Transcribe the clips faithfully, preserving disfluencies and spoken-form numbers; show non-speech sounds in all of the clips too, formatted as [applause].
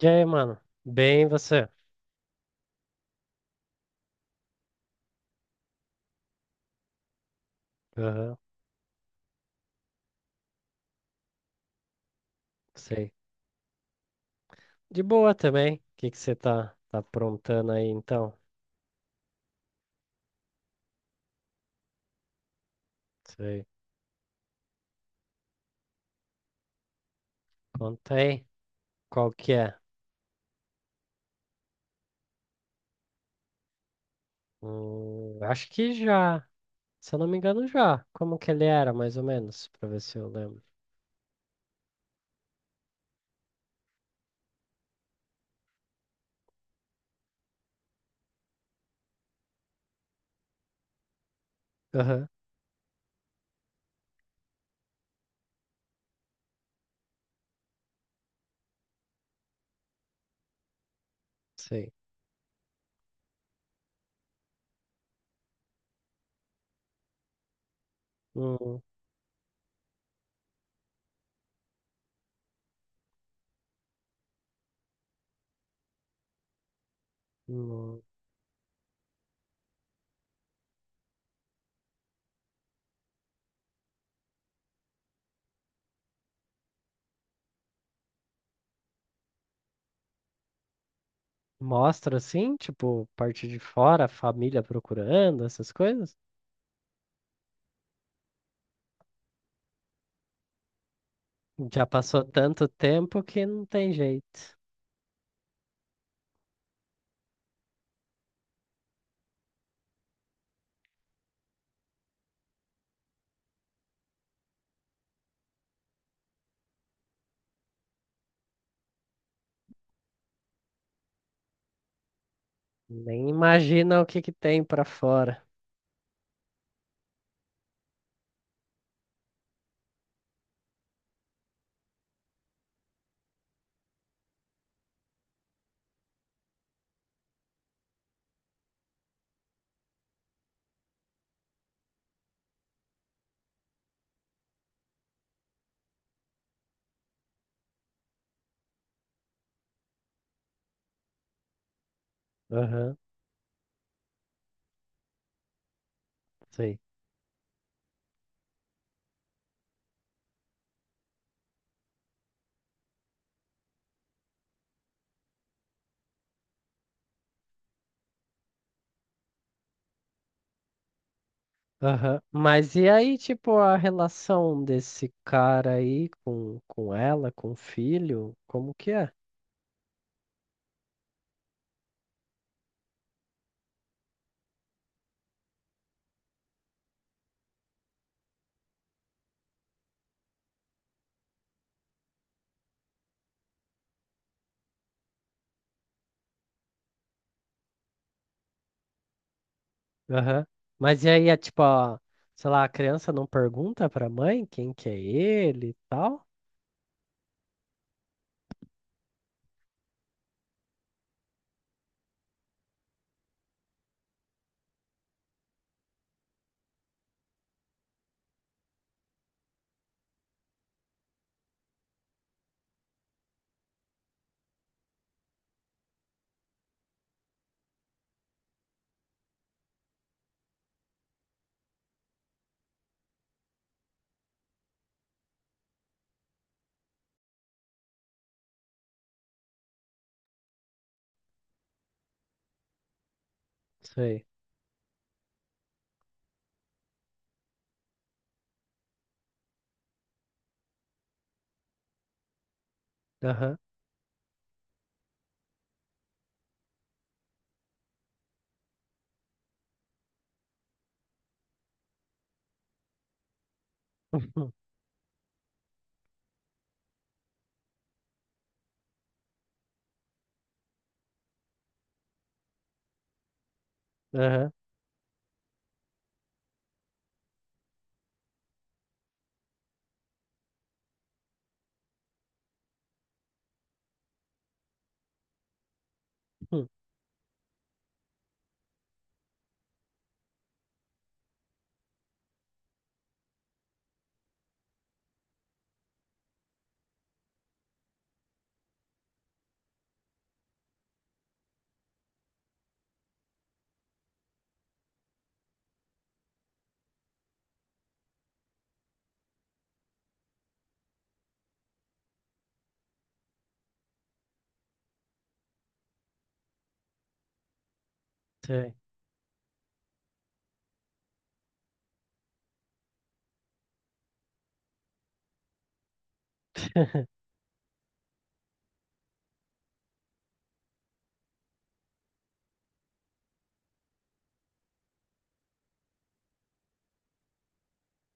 E aí, mano? Bem, você? Aham, sei. De boa também. O que que você tá, tá aprontando aí, então? Sei. Conta aí. Qual que é? Hum, acho que já. Se eu não me engano, já. Como que ele era, mais ou menos? Pra ver se eu lembro. Aham, sei. Hum, hum. Mostra, assim, tipo, parte de fora, a família procurando, essas coisas? Já passou tanto tempo que não tem jeito. Nem imagina o que que tem pra fora. Aham, sei. Aham. Mas e aí, tipo, a relação desse cara aí com, com ela, com o filho, como que é? Aham. Mas e aí, é tipo, a- sei lá, a criança não pergunta pra mãe quem que é ele e tal? Sei. Aham. [laughs] Aham. Hum. Sei. [laughs]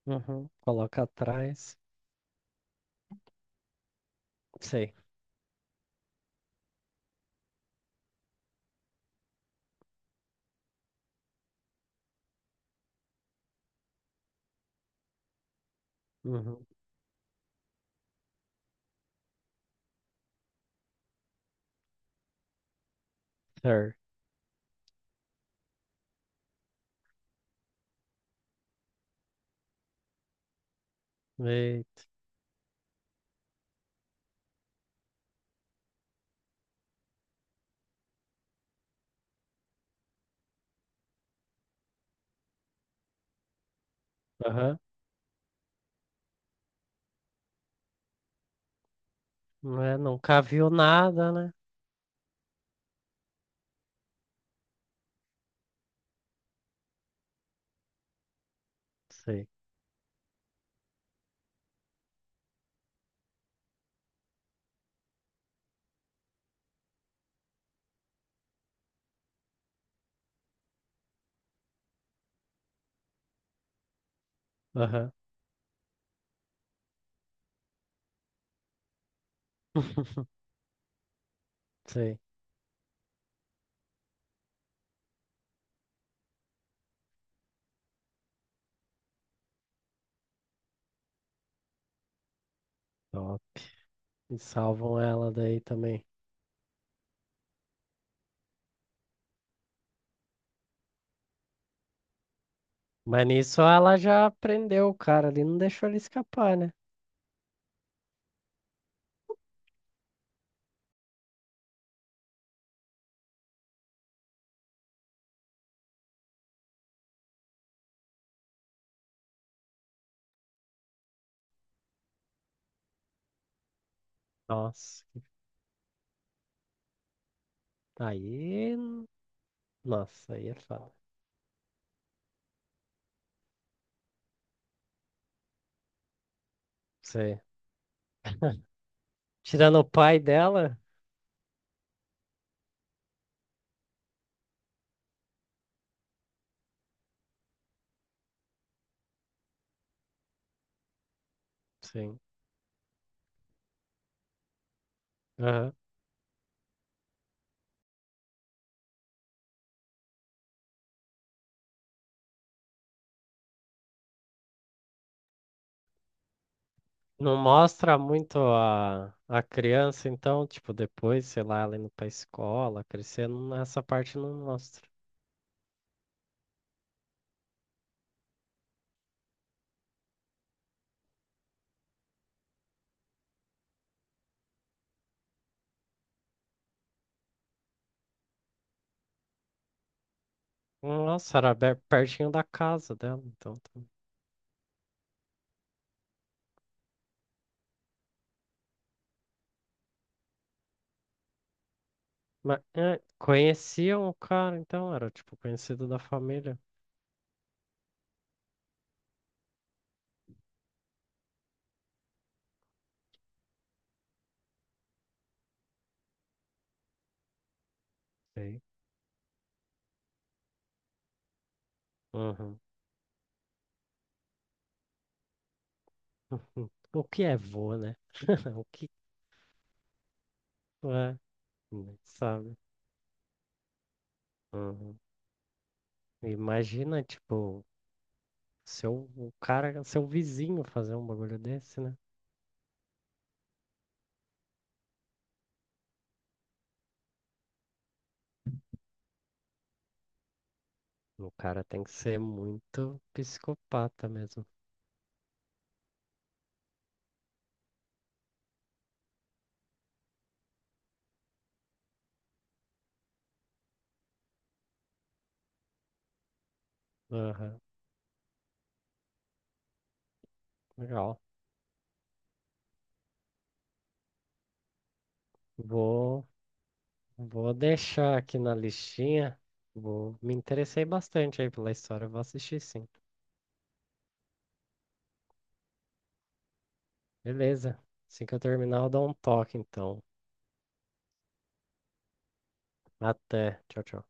Uhum. Coloca atrás. Sei. Uhum. Sir. Eita. Aham. Não é, nunca viu nada, né? Sei. Aham. [laughs] Sei. E salvam ela daí também. Mas nisso ela já prendeu o cara ali, não deixou ele escapar, né? Nossa, aí. Nossa, aí é foda. Sei. Tirando o pai dela, sim. Aham. Não mostra muito a, a criança, então, tipo, depois, sei lá, ela indo pra escola, crescendo, essa parte não mostra. Nossa, era be- pertinho da casa dela, então. Tá. Mas, é, conheciam o cara, então, era, tipo, conhecido da família. Sei. Uhum. [laughs] Uhum. O que é vô, né? [laughs] O que é, né, sabe? Uhum. Imagina, tipo, seu, o cara, seu vizinho fazer um bagulho desse, né? O cara tem que ser muito psicopata mesmo. Aham, legal. Vou, vou deixar aqui na listinha. Vou, me interessei bastante aí pela história, vou assistir sim. Beleza. Assim que eu terminar, eu dou um toque, então. Até. Tchau, tchau.